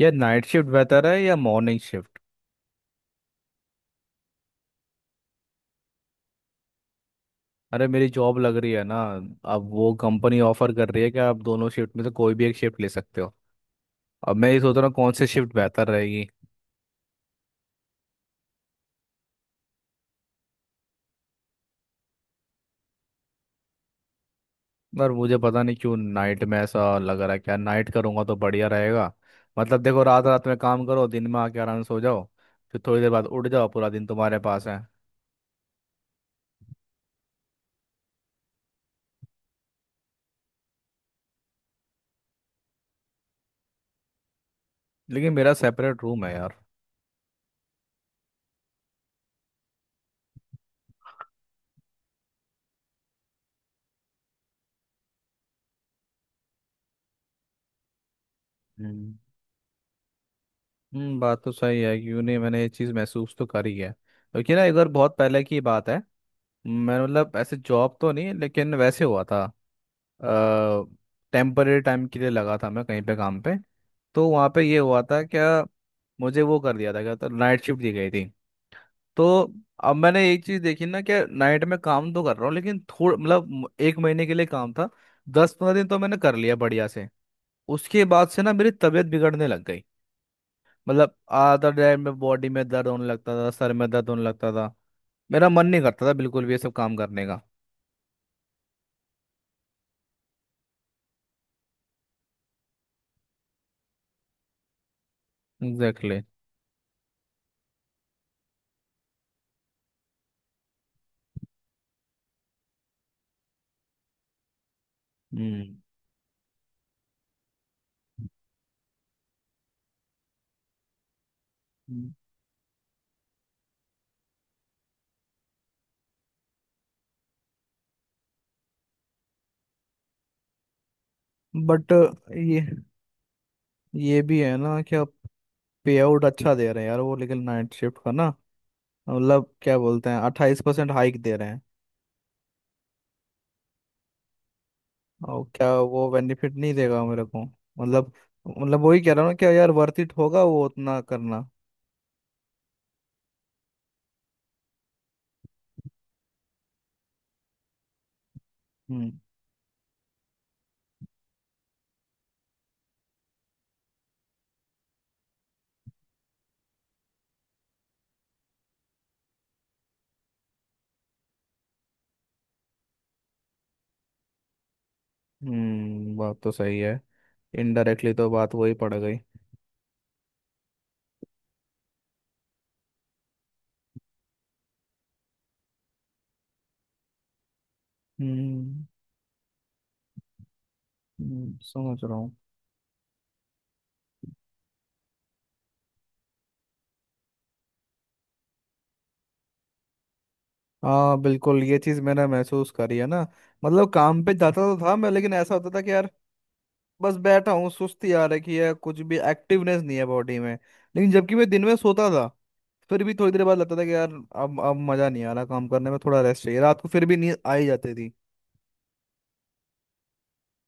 यार, night shift बेहतर है या मॉर्निंग शिफ्ट? अरे, मेरी जॉब लग रही है ना। अब वो कंपनी ऑफर कर रही है कि आप दोनों शिफ्ट में से कोई भी एक शिफ्ट ले सकते हो। अब मैं ये सोच रहा हूँ कौन सी शिफ्ट बेहतर रहेगी। पर मुझे पता नहीं क्यों, नाइट में ऐसा लग रहा है क्या नाइट करूँगा तो बढ़िया रहेगा। मतलब देखो, रात रात में काम करो, दिन में आके आराम से सो जाओ। फिर थोड़ी देर बाद उठ जाओ, पूरा दिन तुम्हारे पास है। लेकिन मेरा सेपरेट रूम है यार। हम्म। हम्म, बात तो सही है। क्यों नहीं, मैंने ये चीज़ महसूस तो करी है, क्योंकि ना एक बार बहुत पहले की बात है। मैं, मतलब, ऐसे जॉब तो नहीं लेकिन वैसे हुआ था। टेम्पररी टाइम के लिए लगा था मैं कहीं पे काम पे। तो वहाँ पे ये हुआ था क्या, मुझे वो कर दिया था क्या, तो नाइट शिफ्ट दी गई थी। तो अब मैंने एक चीज़ देखी ना कि नाइट में काम तो कर रहा हूँ लेकिन थोड़ा, मतलब, एक महीने के लिए काम था। 10-15 दिन तो मैंने कर लिया बढ़िया से। उसके बाद से ना मेरी तबीयत बिगड़ने लग गई। मतलब, आधा टाइम में बॉडी में दर्द होने लगता था, सर में दर्द होने लगता था। मेरा मन नहीं करता था बिल्कुल भी ये सब काम करने का। एग्जैक्टली। हम्म। बट ये ये भी है ना कि आप पे आउट अच्छा दे रहे हैं यार, वो। लेकिन नाइट शिफ्ट का ना, मतलब क्या बोलते हैं, 28% हाइक दे रहे हैं। और क्या वो बेनिफिट नहीं देगा मेरे को, मतलब? मतलब वही कह रहा हूँ ना, क्या यार वर्थ इट होगा वो उतना करना? हम्म। हम्म, बात तो सही है। इनडायरेक्टली तो बात वही पड़ गई। हम्म। समझ रहा हूँ। हाँ, बिल्कुल ये चीज़ मैंने महसूस करी है ना। मतलब, काम पे जाता तो था मैं, लेकिन ऐसा होता था कि यार बस बैठा हूँ, सुस्ती आ रखी है, कुछ भी एक्टिवनेस नहीं है बॉडी में। लेकिन जबकि मैं दिन में सोता था फिर भी थोड़ी देर बाद लगता था कि यार, अब मजा नहीं आ रहा काम करने में, थोड़ा रेस्ट चाहिए। रात को फिर भी नींद आ ही जाती थी।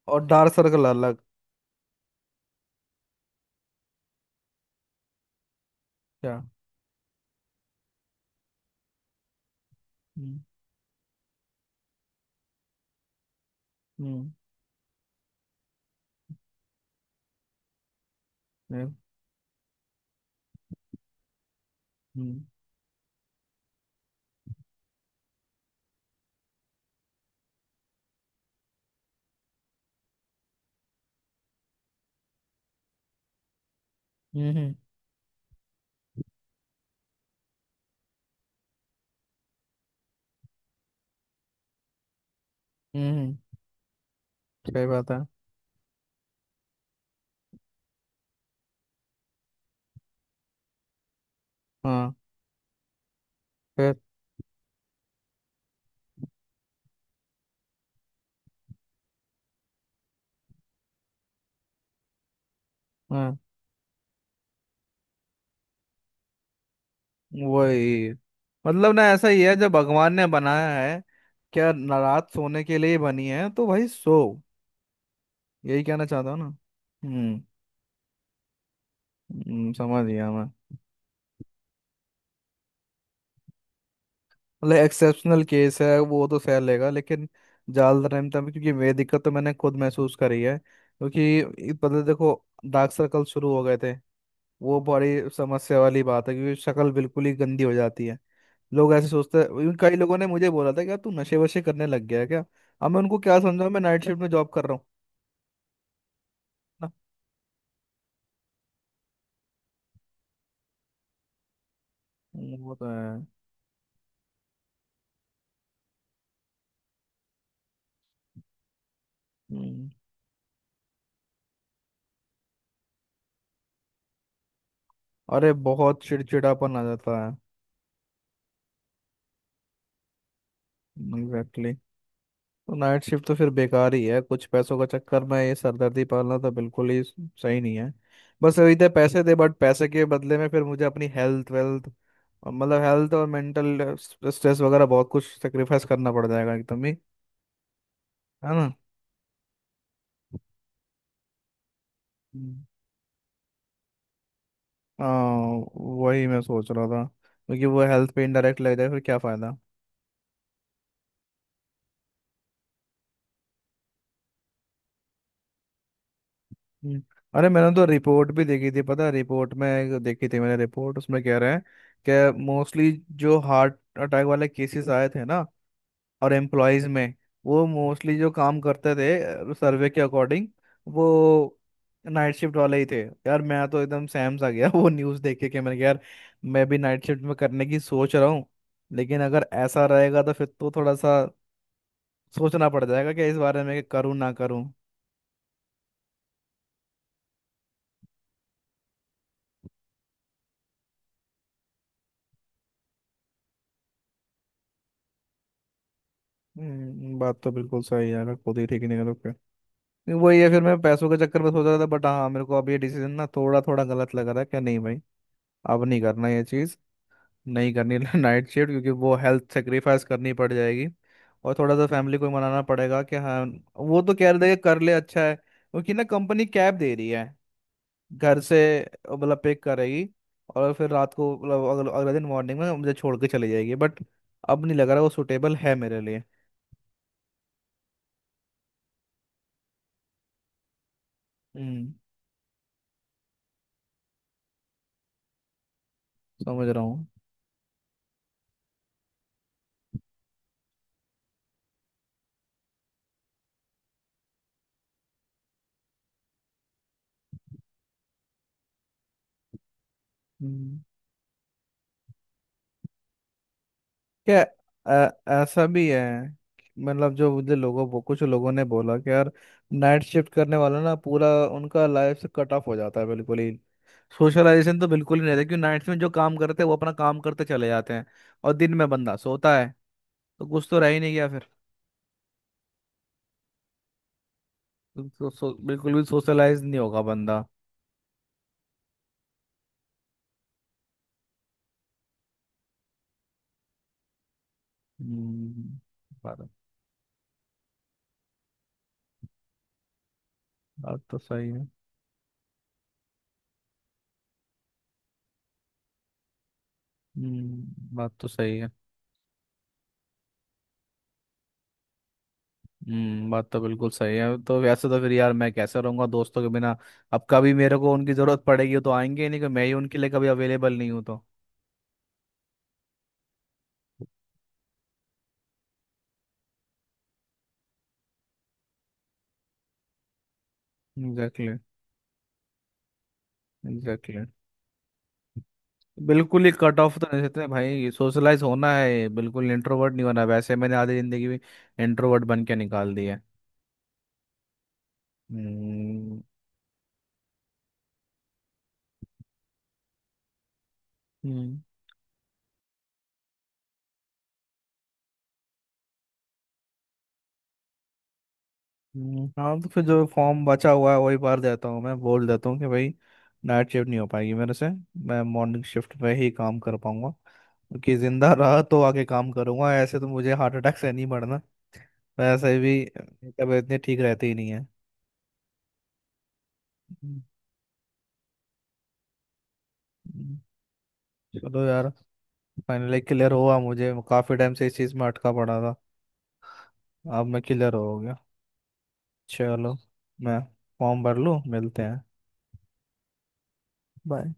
और डार्क सर्कल अलग। क्या? हम्म। हम्म। हम्म। हम्म। हम्म। हम्म, सही बात है। हाँ। फिर? हाँ, वही। मतलब ना, ऐसा ही है जब भगवान ने बनाया है, क्या ना रात सोने के लिए ही बनी है, तो भाई सो। यही कहना चाहता हूँ ना। हम्म। समझ गया मैं। मतलब एक्सेप्शनल केस है वो तो सह लेगा, लेकिन ज्यादा टाइम तक? क्योंकि ये दिक्कत तो मैंने खुद महसूस करी है, क्योंकि ये पता, देखो, डार्क सर्कल शुरू हो गए थे। वो बड़ी समस्या वाली बात है, क्योंकि शक्ल बिल्कुल ही गंदी हो जाती है। लोग ऐसे सोचते हैं, even कई लोगों ने मुझे बोला था कि यार तू नशे वशे करने लग गया है क्या। अब मैं उनको क्या समझाऊं, मैं नाइट शिफ्ट में जॉब कर रहा हूँ। ना, वो तो है। हम्म, अरे बहुत चिड़चिड़ापन आ जाता है। एग्जैक्टली। तो नाइट शिफ्ट तो फिर बेकार ही है, कुछ पैसों का चक्कर में ये सरदर्दी पालना तो बिल्कुल ही सही नहीं है। बस वही थे पैसे दे, बट पैसे के बदले में फिर मुझे अपनी हेल्थ वेल्थ, और मतलब हेल्थ और मेंटल स्ट्रेस वगैरह बहुत कुछ सेक्रीफाइस करना पड़ जाएगा एकदम ही। है ना? हम्म। हाँ वही मैं सोच रहा था। क्योंकि वो हेल्थ पे इनडायरेक्ट लग जाए फिर क्या फायदा। हम्म। अरे मैंने तो रिपोर्ट भी देखी थी, पता है, रिपोर्ट में एक देखी थी मैंने रिपोर्ट, उसमें कह रहे हैं कि मोस्टली जो हार्ट अटैक वाले केसेस आए थे ना और एम्प्लॉयज में, वो मोस्टली जो काम करते थे सर्वे के अकॉर्डिंग, वो नाइट शिफ्ट वाले ही थे। यार, मैं तो एकदम सैम आ गया वो न्यूज़ देख के, कि मैंने कहा यार मैं भी नाइट शिफ्ट में करने की सोच रहा हूँ। लेकिन अगर ऐसा रहेगा तो फिर तो थोड़ा सा सोचना पड़ जाएगा कि इस बारे में, कि करूँ ना करूँ। बात तो बिल्कुल सही है यार, खुद ही ठीक नहीं करो क्या। वही है, फिर मैं पैसों के चक्कर में सोच रहा था, बट हाँ, मेरे को अब ये डिसीजन ना थोड़ा थोड़ा गलत लग रहा है। क्या नहीं भाई, अब नहीं करना ये चीज़। नहीं करनी नाइट शिफ्ट, क्योंकि वो हेल्थ सेक्रीफाइस करनी पड़ जाएगी। और थोड़ा सा फैमिली को मनाना पड़ेगा कि हाँ। वो तो कह रहे थे कि कर ले, अच्छा है, क्योंकि ना कंपनी कैब दे रही है, घर से, मतलब पिक करेगी। और फिर रात को, मतलब, अगले दिन मॉर्निंग में मुझे छोड़ के चली जाएगी, बट अब नहीं लग रहा वो सुटेबल है मेरे लिए। हम्म, समझ रहा हूँ। हम्म। क्या? अ- ऐसा भी है कि, मतलब, जो मुझे लोगों वो कुछ लोगों ने बोला कि यार नाइट शिफ्ट करने वाला ना पूरा उनका लाइफ से कट ऑफ हो जाता है बिल्कुल ही। सोशलाइजेशन तो बिल्कुल ही नहीं रहता, क्योंकि नाइट्स में जो काम करते हैं वो अपना काम करते चले जाते हैं और दिन में बंदा सोता है। तो कुछ तो रह ही नहीं गया फिर। बिल्कुल भी सोशलाइज नहीं होगा बंदा। हम्म। बात बात तो सही है। हम्म, बात तो सही है। हम्म, बात तो बिल्कुल सही है। तो वैसे तो फिर यार मैं कैसे रहूंगा दोस्तों के बिना? अब कभी मेरे को उनकी जरूरत पड़ेगी तो आएंगे ही नहीं, कि मैं ही उनके लिए कभी अवेलेबल नहीं हूँ तो। एग्जैक्टली। एग्जैक्टली। बिल्कुल ही कट ऑफ तो नहीं सकते भाई, सोशलाइज होना है, बिल्कुल इंट्रोवर्ट नहीं होना, वैसे मैंने आधी जिंदगी में इंट्रोवर्ट बन के निकाल दी है। हम्म। हम्म। हाँ तो फिर जो फॉर्म बचा हुआ है वही भर देता हूँ, मैं बोल देता हूँ कि भाई नाइट शिफ्ट नहीं हो पाएगी मेरे से, मैं मॉर्निंग शिफ्ट में ही काम कर पाऊंगा। कि जिंदा रहा तो आगे काम करूंगा, ऐसे तो मुझे हार्ट अटैक से नहीं मरना। वैसे भी तबीयत इतनी ठीक रहती ही नहीं है। हम्म, चलो यार, फाइनली क्लियर हुआ, मुझे काफी टाइम से इस चीज में अटका पड़ा था। अब मैं क्लियर हो गया। चलो, मैं फॉर्म भर लूँ, मिलते हैं। बाय।